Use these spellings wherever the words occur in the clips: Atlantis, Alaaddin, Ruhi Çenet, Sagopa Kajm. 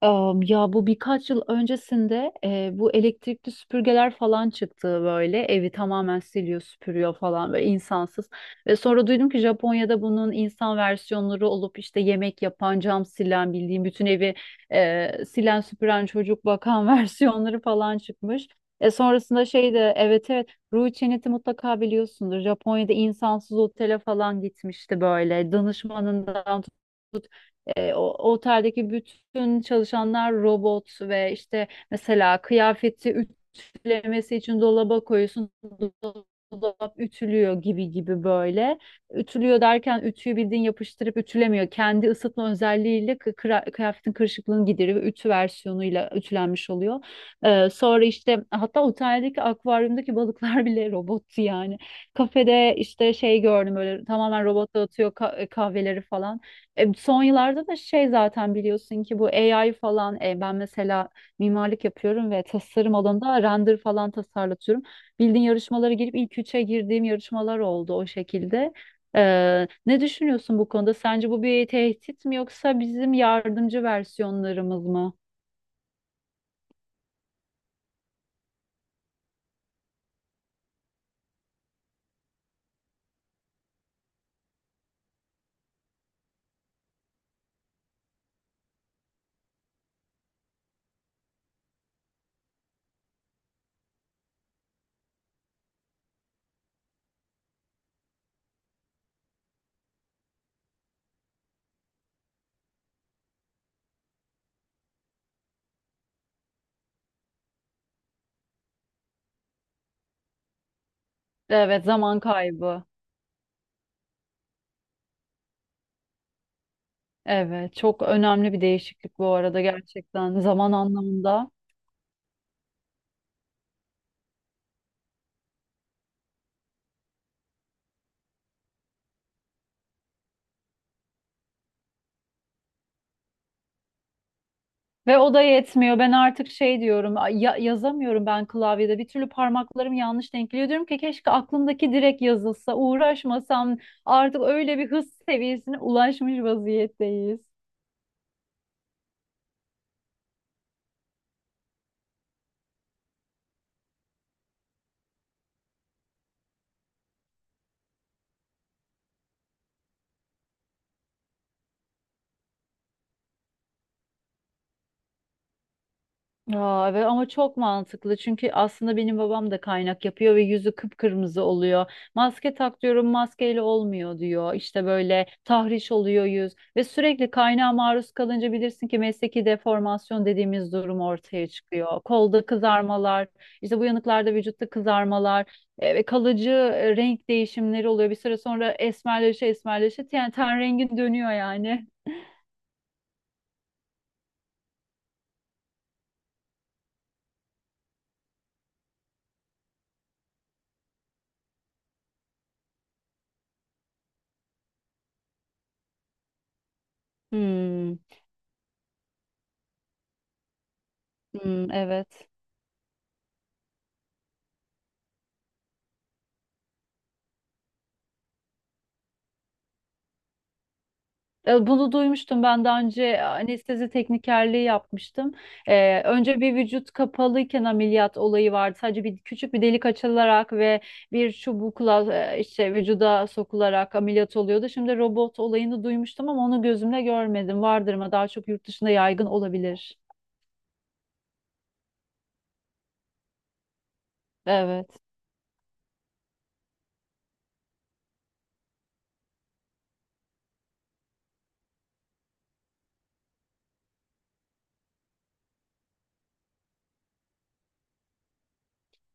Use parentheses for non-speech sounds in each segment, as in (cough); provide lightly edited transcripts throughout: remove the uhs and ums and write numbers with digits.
Ya bu birkaç yıl öncesinde bu elektrikli süpürgeler falan çıktı, böyle evi tamamen siliyor, süpürüyor falan, böyle insansız. Ve sonra duydum ki Japonya'da bunun insan versiyonları olup işte yemek yapan, cam silen, bildiğim bütün evi silen, süpüren, çocuk bakan (laughs) versiyonları falan çıkmış. Sonrasında şey de evet, evet, Ruhi Çenet'i mutlaka biliyorsundur. Japonya'da insansız otele falan gitmişti, böyle danışmanından. O oteldeki bütün çalışanlar robot ve işte mesela kıyafeti ütülemesi için dolaba koyuyorsun. Dolap ütülüyor gibi gibi, böyle. Ütülüyor derken ütüyü bildiğin yapıştırıp ütülemiyor. Kendi ısıtma özelliğiyle kıyafetin kırışıklığını gideriyor. Ve ütü versiyonuyla ütülenmiş oluyor. Sonra işte hatta oteldeki akvaryumdaki balıklar (laughs) bile robottu yani. Kafede işte şey gördüm, böyle tamamen robot dağıtıyor kahveleri falan. Son yıllarda da şey zaten biliyorsun ki bu AI falan, ben mesela mimarlık yapıyorum ve tasarım alanında render falan tasarlatıyorum. Bildiğin yarışmalara girip ilk üçe girdiğim yarışmalar oldu o şekilde. Ne düşünüyorsun bu konuda? Sence bu bir tehdit mi yoksa bizim yardımcı versiyonlarımız mı? Evet, zaman kaybı. Evet, çok önemli bir değişiklik bu arada, gerçekten zaman anlamında. Ve o da yetmiyor. Ben artık şey diyorum, "Ay, yazamıyorum ben klavyede. Bir türlü parmaklarım yanlış denk geliyor. Diyorum ki keşke aklımdaki direkt yazılsa, uğraşmasam. Artık öyle bir hız seviyesine ulaşmış vaziyetteyiz. Aa, evet ama çok mantıklı, çünkü aslında benim babam da kaynak yapıyor ve yüzü kıpkırmızı oluyor. Maske tak diyorum, maskeyle olmuyor diyor. İşte böyle tahriş oluyor yüz ve sürekli kaynağa maruz kalınca bilirsin ki mesleki deformasyon dediğimiz durum ortaya çıkıyor. Kolda kızarmalar, işte bu yanıklarda vücutta kızarmalar ve kalıcı renk değişimleri oluyor. Bir süre sonra esmerleşe esmerleşe yani ten rengin dönüyor yani. Hmm, hmm, evet. Bunu duymuştum ben daha önce, anestezi teknikerliği yapmıştım. Önce bir vücut kapalıyken ameliyat olayı vardı. Sadece bir küçük bir delik açılarak ve bir çubukla işte vücuda sokularak ameliyat oluyordu. Şimdi robot olayını duymuştum ama onu gözümle görmedim. Vardır ama daha çok yurt dışında yaygın olabilir. Evet.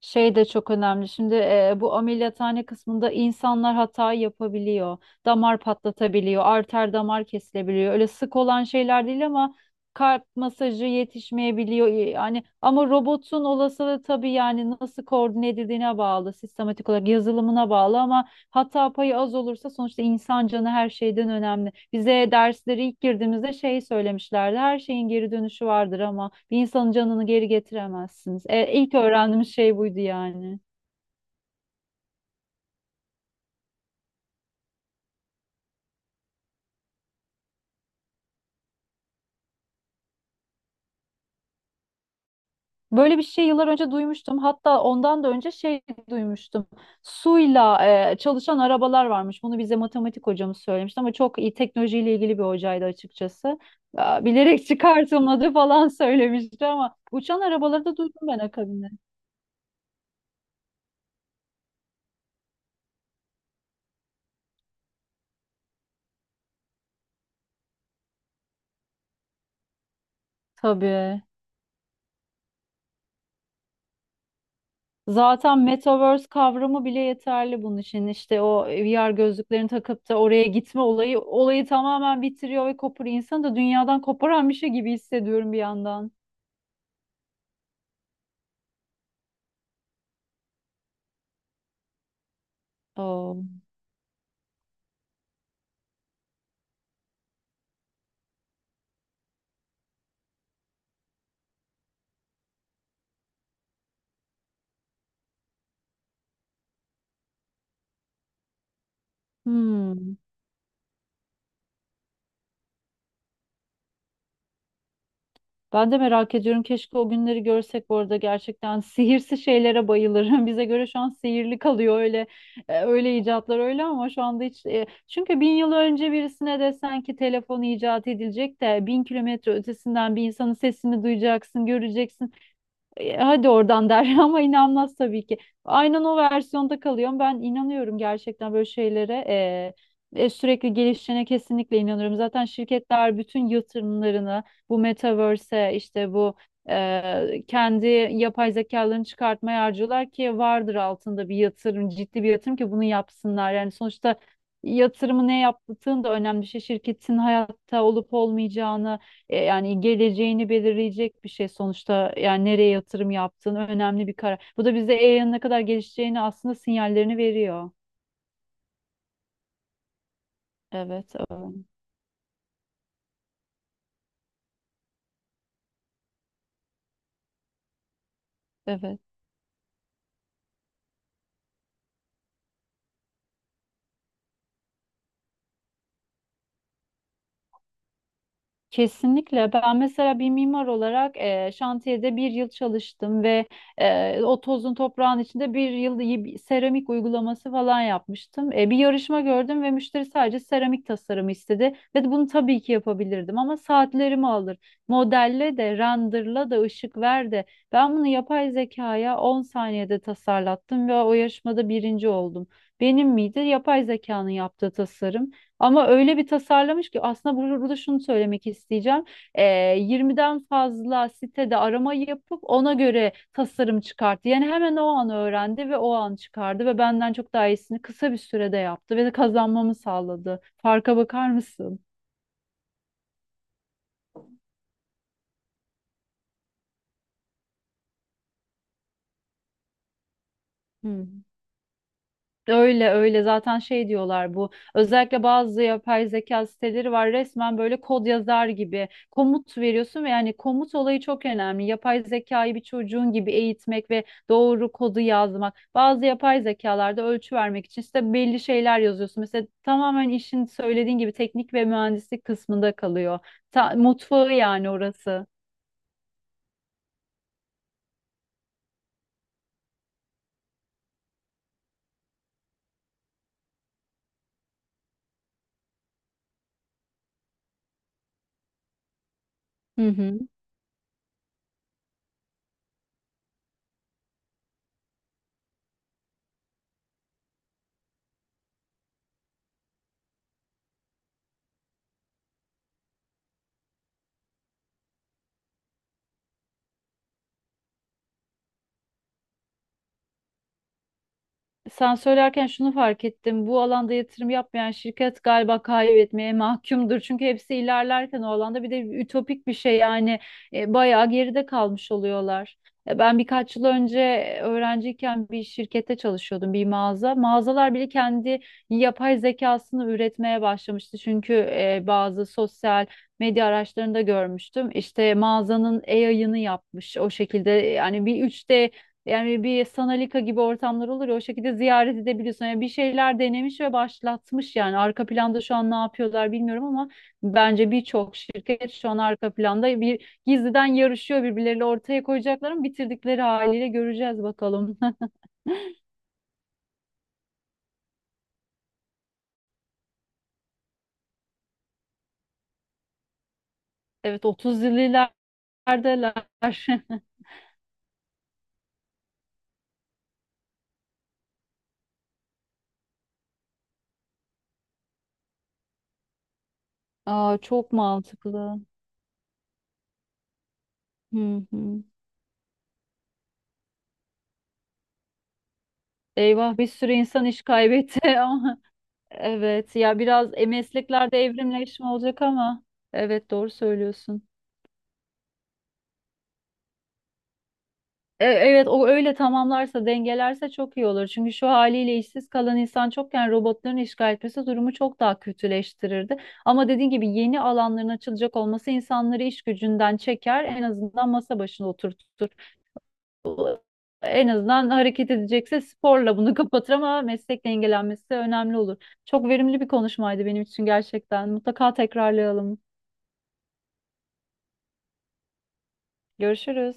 Şey de çok önemli. Şimdi bu ameliyathane kısmında insanlar hata yapabiliyor. Damar patlatabiliyor, arter damar kesilebiliyor. Öyle sık olan şeyler değil ama kalp masajı yetişmeyebiliyor. Yani ama robotun olasılığı tabii, yani nasıl koordine edildiğine bağlı, sistematik olarak yazılımına bağlı, ama hata payı az olursa sonuçta insan canı her şeyden önemli. Bize dersleri ilk girdiğimizde şey söylemişlerdi. Her şeyin geri dönüşü vardır ama bir insanın canını geri getiremezsiniz. E, ilk öğrendiğimiz şey buydu yani. Böyle bir şey yıllar önce duymuştum. Hatta ondan da önce şey duymuştum. Suyla çalışan arabalar varmış. Bunu bize matematik hocamız söylemişti ama çok iyi teknolojiyle ilgili bir hocaydı açıkçası. Aa, bilerek (laughs) çıkartılmadı falan söylemişti ama uçan arabaları da duydum ben akabinde. Tabii. Zaten metaverse kavramı bile yeterli bunun için. İşte o VR gözlüklerini takıp da oraya gitme olayı tamamen bitiriyor ve koparıyor. İnsanı da dünyadan koparan bir şey gibi hissediyorum bir yandan. Oo. Hmm. Ben de merak ediyorum. Keşke o günleri görsek bu arada, gerçekten. Sihirsi şeylere bayılırım. (laughs) Bize göre şu an sihirli kalıyor öyle, öyle icatlar öyle, ama şu anda hiç, çünkü bin yıl önce birisine desen ki telefon icat edilecek de bin kilometre ötesinden bir insanın sesini duyacaksın, göreceksin. Hadi oradan der (laughs) ama inanmaz tabii ki. Aynen o versiyonda kalıyorum. Ben inanıyorum gerçekten böyle şeylere. Sürekli gelişene kesinlikle inanıyorum. Zaten şirketler bütün yatırımlarını bu metaverse'e işte bu kendi yapay zekalarını çıkartmaya harcıyorlar ki vardır altında bir yatırım, ciddi bir yatırım ki bunu yapsınlar. Yani sonuçta yatırımı ne yaptığın da önemli bir şey. Şirketin hayatta olup olmayacağını, yani geleceğini belirleyecek bir şey sonuçta, yani nereye yatırım yaptığın önemli bir karar. Bu da bize AI'ın ne kadar gelişeceğini aslında sinyallerini veriyor. Evet, evet. Evet. Kesinlikle. Ben mesela bir mimar olarak şantiyede bir yıl çalıştım ve o tozun toprağın içinde bir yıl iyi bir seramik uygulaması falan yapmıştım. Bir yarışma gördüm ve müşteri sadece seramik tasarımı istedi ve bunu tabii ki yapabilirdim ama saatlerimi alır. Modelle de, renderla da, ışık ver de. Ben bunu yapay zekaya 10 saniyede tasarlattım ve o yarışmada birinci oldum. Benim miydi? Yapay zekanın yaptığı tasarım. Ama öyle bir tasarlamış ki aslında burada şunu söylemek isteyeceğim. Ee, 20'den fazla sitede arama yapıp ona göre tasarım çıkarttı. Yani hemen o an öğrendi ve o an çıkardı ve benden çok daha iyisini kısa bir sürede yaptı ve de kazanmamı sağladı. Farka bakar mısın? Hı. Öyle öyle zaten şey diyorlar bu, özellikle bazı yapay zeka siteleri var, resmen böyle kod yazar gibi komut veriyorsun ve yani komut olayı çok önemli, yapay zekayı bir çocuğun gibi eğitmek ve doğru kodu yazmak, bazı yapay zekalarda ölçü vermek için işte belli şeyler yazıyorsun mesela, tamamen işin söylediğin gibi teknik ve mühendislik kısmında kalıyor. Mutfağı yani orası. Hı hı. Sen söylerken şunu fark ettim. Bu alanda yatırım yapmayan şirket galiba kaybetmeye mahkumdur. Çünkü hepsi ilerlerken o alanda bir de ütopik bir şey yani, bayağı geride kalmış oluyorlar. Ben birkaç yıl önce öğrenciyken bir şirkette çalışıyordum, bir mağaza. Mağazalar bile kendi yapay zekasını üretmeye başlamıştı. Çünkü bazı sosyal medya araçlarında görmüştüm. İşte mağazanın AI'ını yapmış o şekilde, yani bir 3D, yani bir Sanalika gibi ortamlar olur ya, o şekilde ziyaret edebiliyorsun. Yani bir şeyler denemiş ve başlatmış yani. Arka planda şu an ne yapıyorlar bilmiyorum ama bence birçok şirket şu an arka planda bir gizliden yarışıyor birbirleriyle, ortaya koyacaklar ama bitirdikleri haliyle göreceğiz bakalım. (laughs) Evet, 30'lulardalar. (laughs) Aa, çok mantıklı. Hı hı. Eyvah, bir sürü insan iş kaybetti (laughs) ama evet ya, biraz mesleklerde evrimleşme olacak ama evet, doğru söylüyorsun. Evet, o öyle tamamlarsa dengelerse çok iyi olur. Çünkü şu haliyle işsiz kalan insan çokken robotların işgal etmesi durumu çok daha kötüleştirirdi. Ama dediğin gibi yeni alanların açılacak olması insanları iş gücünden çeker, en azından masa başına oturtur. En azından hareket edecekse sporla bunu (laughs) kapatır ama meslek dengelenmesi önemli olur. Çok verimli bir konuşmaydı benim için gerçekten. Mutlaka tekrarlayalım. Görüşürüz.